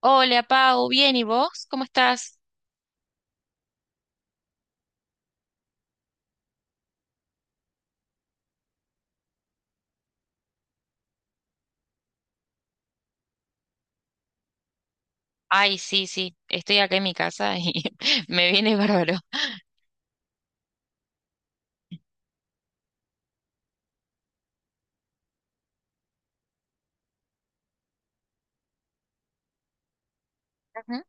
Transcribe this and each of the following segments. Hola, Pau, bien, ¿y vos? ¿Cómo estás? Ay, sí, sí, estoy acá en mi casa y me viene bárbaro. Ujú.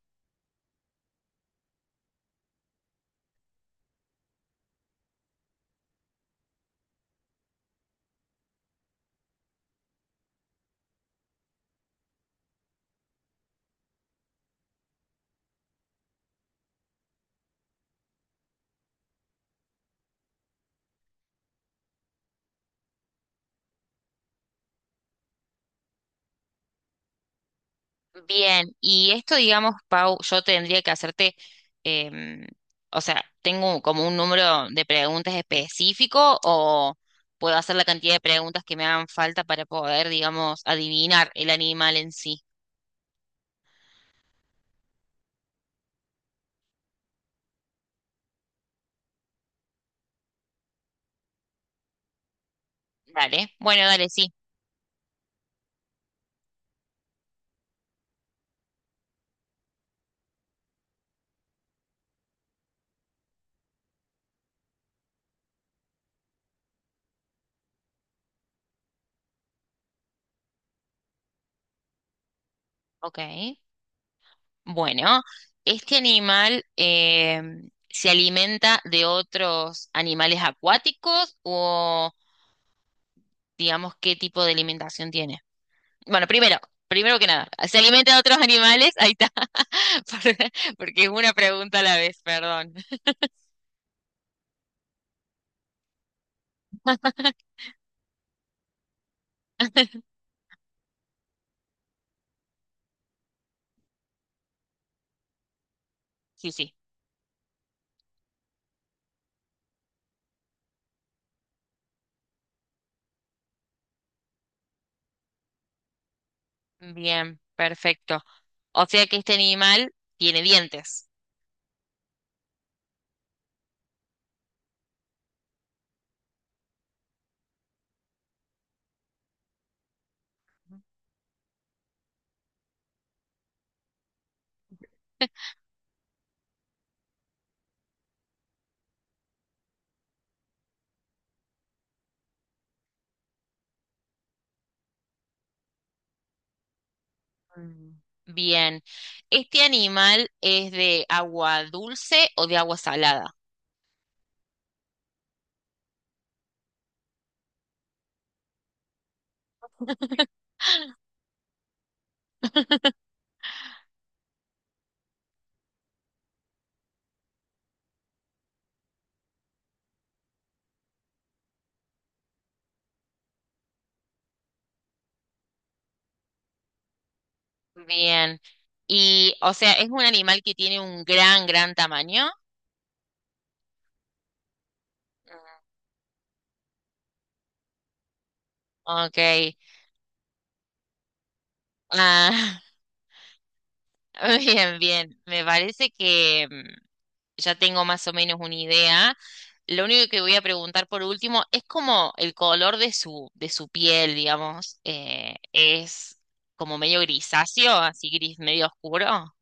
Bien, y esto, digamos, Pau, yo tendría que hacerte, em, o sea, ¿tengo como un número de preguntas específico o puedo hacer la cantidad de preguntas que me hagan falta para poder, digamos, adivinar el animal en sí? Dale, bueno, dale, sí, ok. Bueno, este animal se alimenta de otros animales acuáticos o digamos qué tipo de alimentación tiene. Bueno, primero, que nada, ¿se alimenta de otros animales? Ahí está. Porque es una pregunta a la vez, perdón. Sí, sí. Bien, perfecto. O sea que este animal tiene dientes. Mm. Bien. ¿Este animal es de agua dulce o de agua salada? Bien. Y, o sea, es un animal que tiene un gran tamaño. Ok. Ah, bien, bien. Me parece que ya tengo más o menos una idea. Lo único que voy a preguntar por último es como el color de de su piel, digamos, es como medio grisáceo, así gris medio oscuro.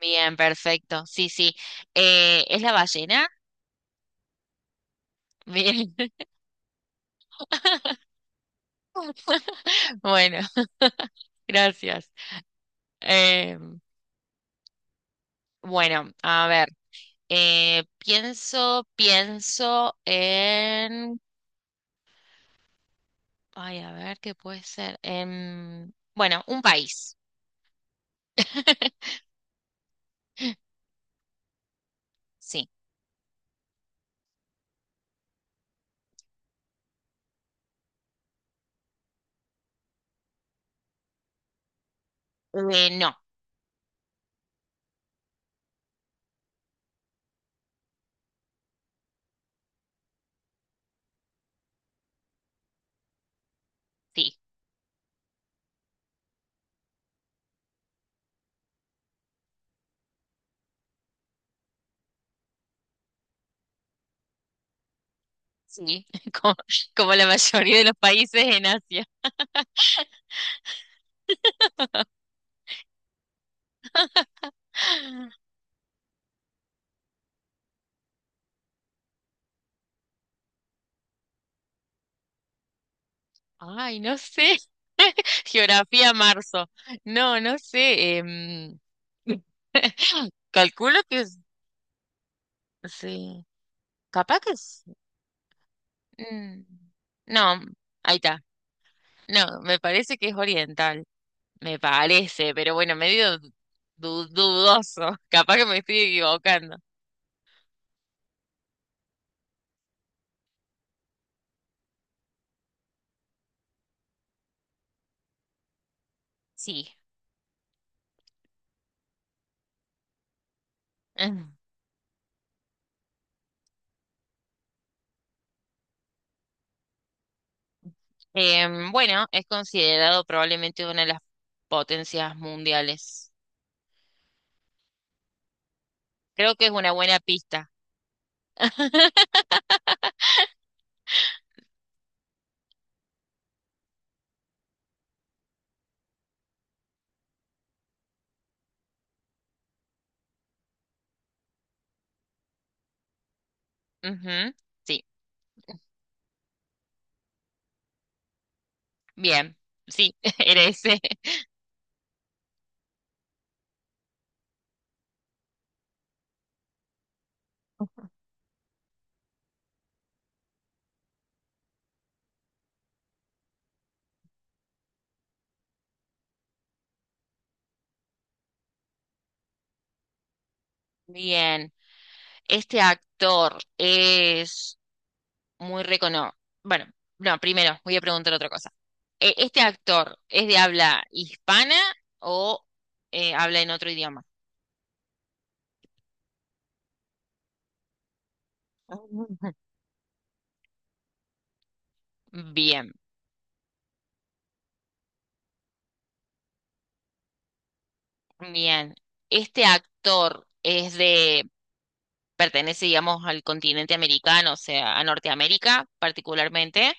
Bien, perfecto. Sí, sí. ¿Es la ballena? Bien. Bueno, gracias. Eh, bueno, a ver. Eh, pienso en... Ay, a ver, ¿qué puede ser? Bueno, un país. Sí. No, sí, sí. Como, como la mayoría de los países en Asia. Ay, no sé. Geografía marzo. No, no sé. Calculo que es- sí. Capaz que es. mm, No, ahí está. No, me parece que es oriental. Me parece, pero bueno, medio dudoso. Capaz que me estoy equivocando. Sí. Mm. Bueno, es considerado probablemente una de las potencias mundiales. Creo que es una buena pista. Ujú, sí, bien, sí, eres. Eh. Bien. Este actor es muy reconocido. Bueno, no, primero voy a preguntar otra cosa. ¿Este actor es de habla hispana o habla en otro idioma? Ujú. Bien, bien. Este actor pertenece, digamos, al continente americano, o sea, a Norteamérica particularmente.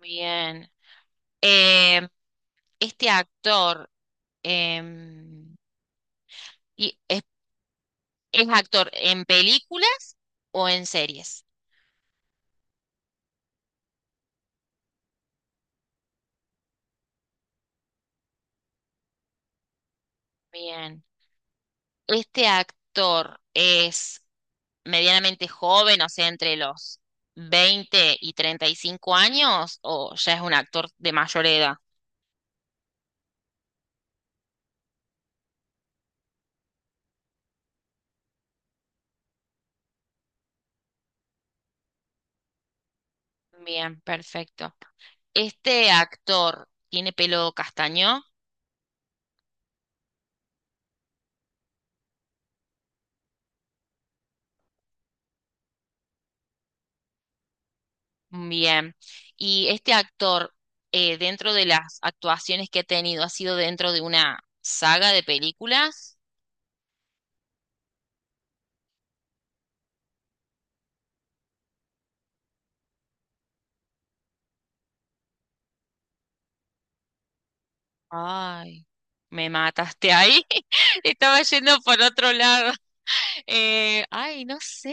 Bien. Eh, este actor em, y es, es actor en películas o en series. Bien. Este actor es medianamente joven, o sea, entre los 20 y 35 años, o ya es un actor de mayor edad. Bien, perfecto. ¿Este actor tiene pelo castaño? Bien. ¿Y este actor, dentro de las actuaciones que ha tenido, ha sido dentro de una saga de películas? Ay, me mataste ahí. Estaba yendo por otro lado. Ay, no sé.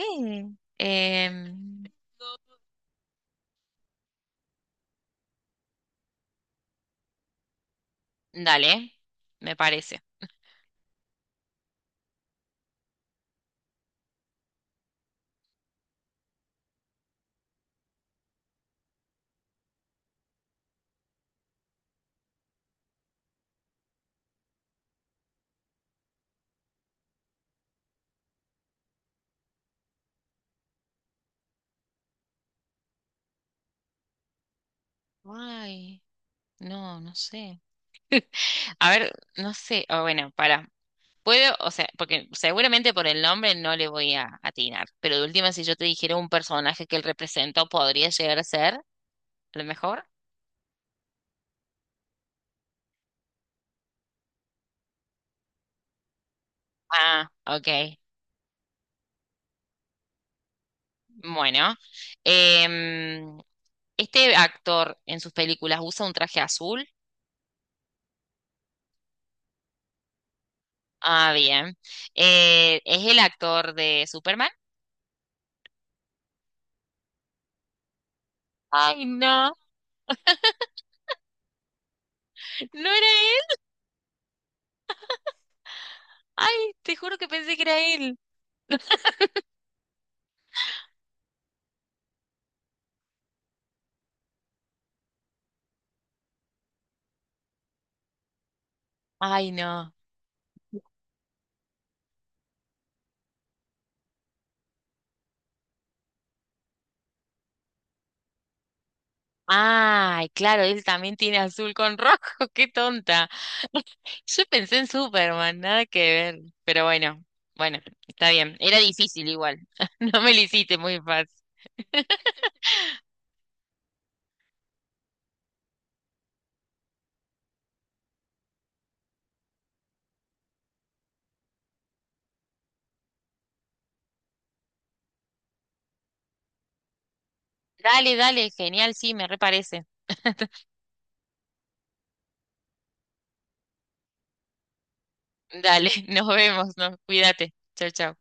Em, dale, me parece. Ay, no, no sé. A ver, no sé. Ah, bueno, para. Puedo, o sea, porque seguramente por el nombre no le voy a atinar, pero de última, si yo te dijera un personaje que él representó, podría llegar a ser, a lo mejor. Ah, ok. Bueno, em, este actor en sus películas usa un traje azul. Ah, bien. ¿Es el actor de Superman? Ay, no, no era él. Ay, te juro que pensé que era él. Ay, no. Ay, claro, él también tiene azul con rojo, qué tonta. Yo pensé en Superman, nada que ver. Pero bueno, bueno, está bien. Era difícil igual. No me lo hiciste muy fácil. Dale, dale, genial, sí, me reparece. Dale, nos vemos, ¿no? Cuídate. Chao, chao.